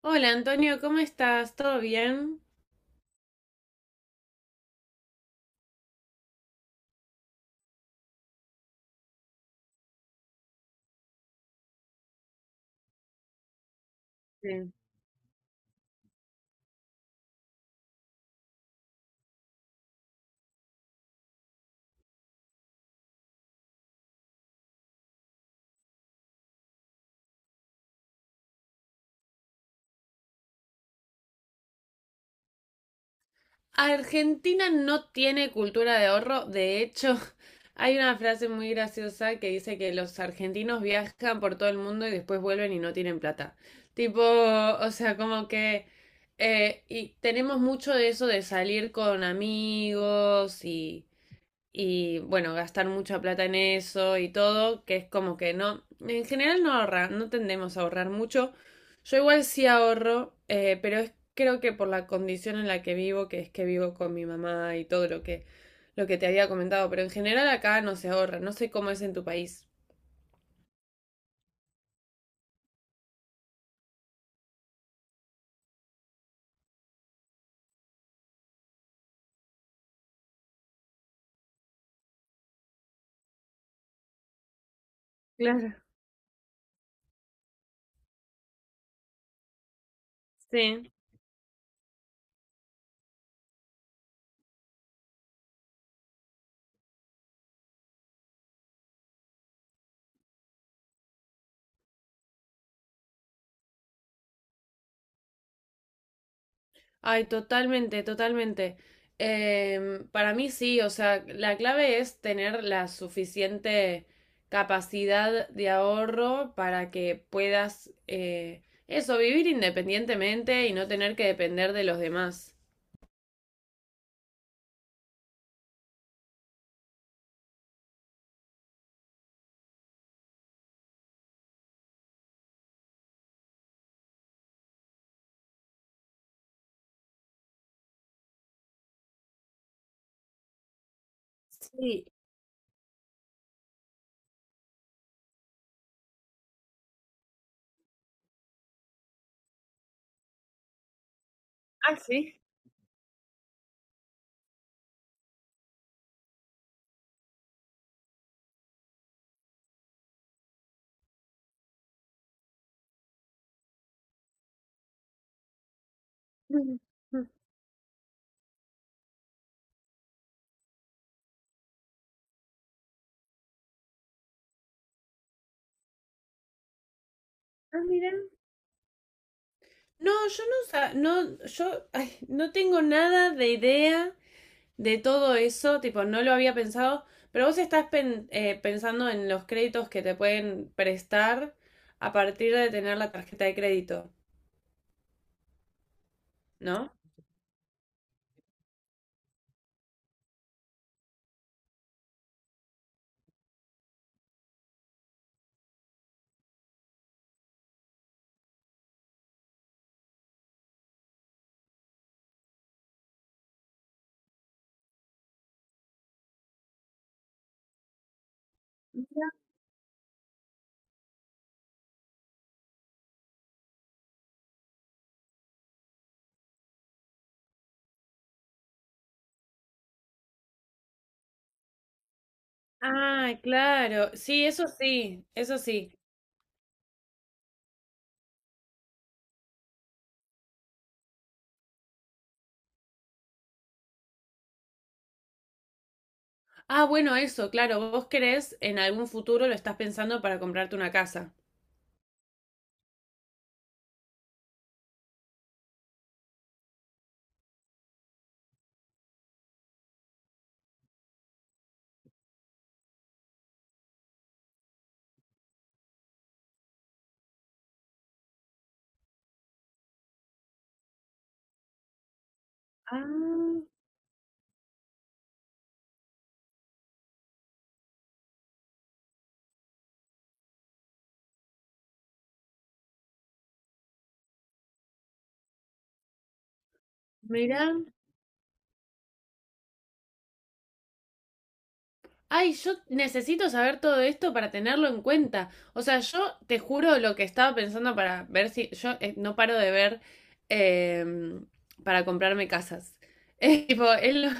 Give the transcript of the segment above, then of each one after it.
Hola Antonio, ¿cómo estás? ¿Todo bien? Sí. Argentina no tiene cultura de ahorro. De hecho, hay una frase muy graciosa que dice que los argentinos viajan por todo el mundo y después vuelven y no tienen plata. Tipo, o sea, como que. Y tenemos mucho de eso de salir con amigos y bueno, gastar mucha plata en eso y todo, que es como que no, en general no ahorra, no tendemos a ahorrar mucho. Yo igual sí ahorro, pero es creo que por la condición en la que vivo, que es que vivo con mi mamá y todo lo que te había comentado, pero en general acá no se ahorra, no sé cómo es en tu país. Claro. Sí. Ay, totalmente, totalmente. Para mí sí, o sea, la clave es tener la suficiente capacidad de ahorro para que puedas, eso, vivir independientemente y no tener que depender de los demás. Sí. Ah, sí. Ah, mira. No, yo no, no, yo, ay, no tengo nada de idea de todo eso, tipo, no lo había pensado, pero vos estás pensando en los créditos que te pueden prestar a partir de tener la tarjeta de crédito, ¿no? Ah, claro, sí, eso sí, eso sí. Ah, bueno, eso, claro, vos querés en algún futuro lo estás pensando para comprarte una casa. Ah, mira. Ay, yo necesito saber todo esto para tenerlo en cuenta. O sea, yo te juro lo que estaba pensando para ver si yo no paro de ver eh, para comprarme casas. Tipo, es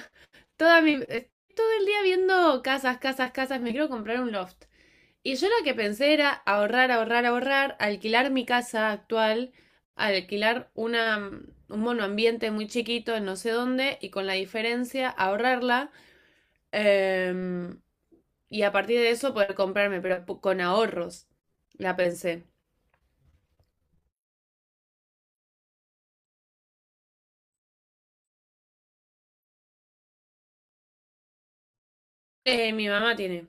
toda mi, todo el día viendo casas, casas, casas, me quiero comprar un loft. Y yo lo que pensé era ahorrar, ahorrar, ahorrar, alquilar mi casa actual, alquilar un monoambiente muy chiquito en no sé dónde y con la diferencia ahorrarla. Em, y a partir de eso poder comprarme, pero con ahorros, la pensé. Mi mamá tiene.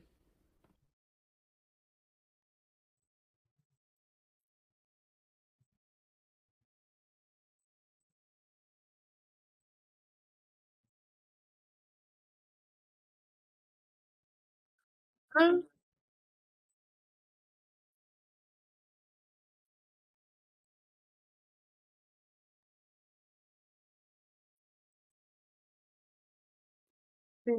Ah, sí.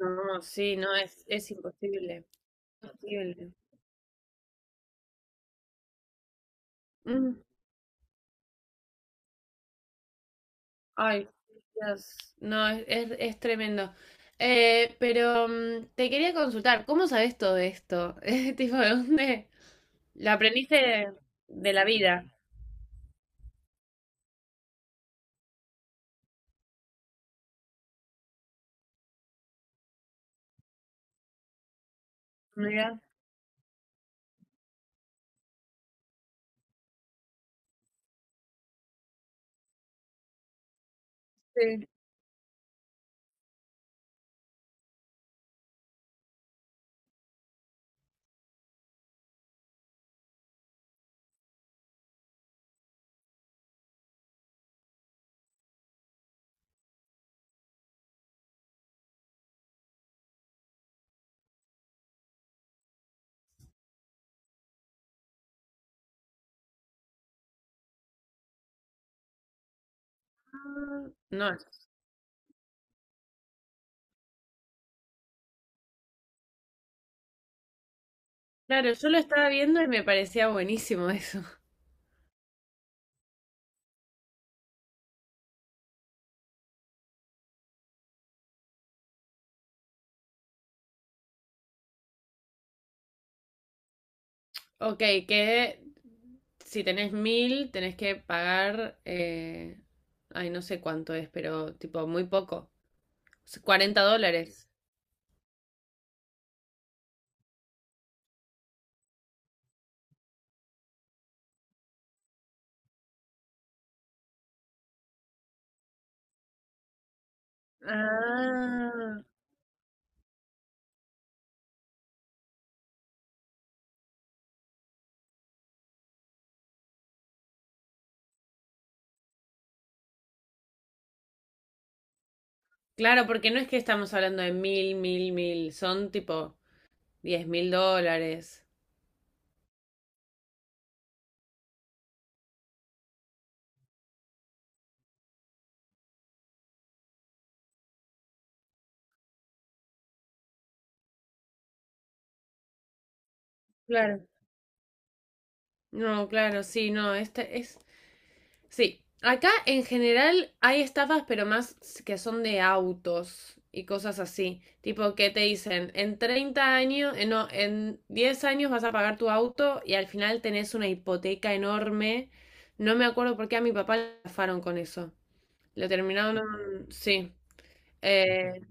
No, sí, no, es imposible. Imposible. Mm, ay, Dios. No, es tremendo. Pero te quería consultar, ¿cómo sabes todo esto? Tipo, ¿de dónde? ¿La aprendiste de la vida? Mira, sí. Ah, no, claro, yo lo estaba viendo y me parecía buenísimo eso. Ok, que si tenés mil, tenés que pagar, ay, no sé cuánto es, pero tipo muy poco, $40. Ah. Claro, porque no es que estamos hablando de mil, mil, mil, son tipo $10.000. Claro. No, claro, sí, no, este es. Sí, acá en general hay estafas, pero más que son de autos y cosas así. Tipo que te dicen, en 30 años, no, en 10 años vas a pagar tu auto y al final tenés una hipoteca enorme. No me acuerdo por qué a mi papá le estafaron con eso. Lo terminaron, sí. eh,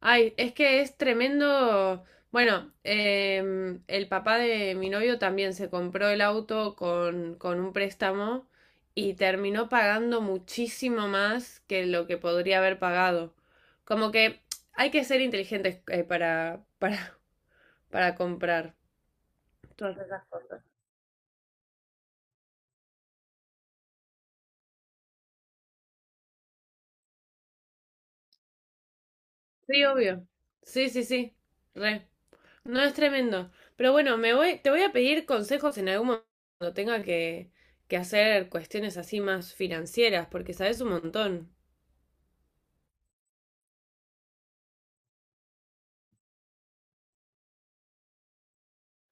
Ay, es que es tremendo. Bueno, el papá de mi novio también se compró el auto con un préstamo y terminó pagando muchísimo más que lo que podría haber pagado. Como que hay que ser inteligentes para, para comprar todas esas cosas. Sí, obvio. Sí, sí, sí. Re. No, es tremendo. Pero bueno, me voy, te voy a pedir consejos en algún momento cuando tenga que hacer cuestiones así más financieras, porque sabes un montón.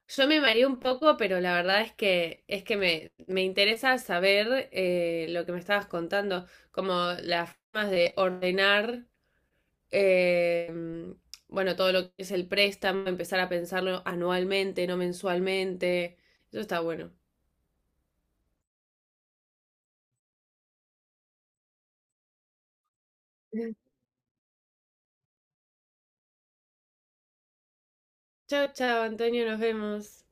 Yo me mareé un poco, pero la verdad es que me interesa saber lo que me estabas contando, como las formas de ordenar, eh, bueno, todo lo que es el préstamo, empezar a pensarlo anualmente, no mensualmente. Eso está bueno. Chao, chao, Antonio, nos vemos.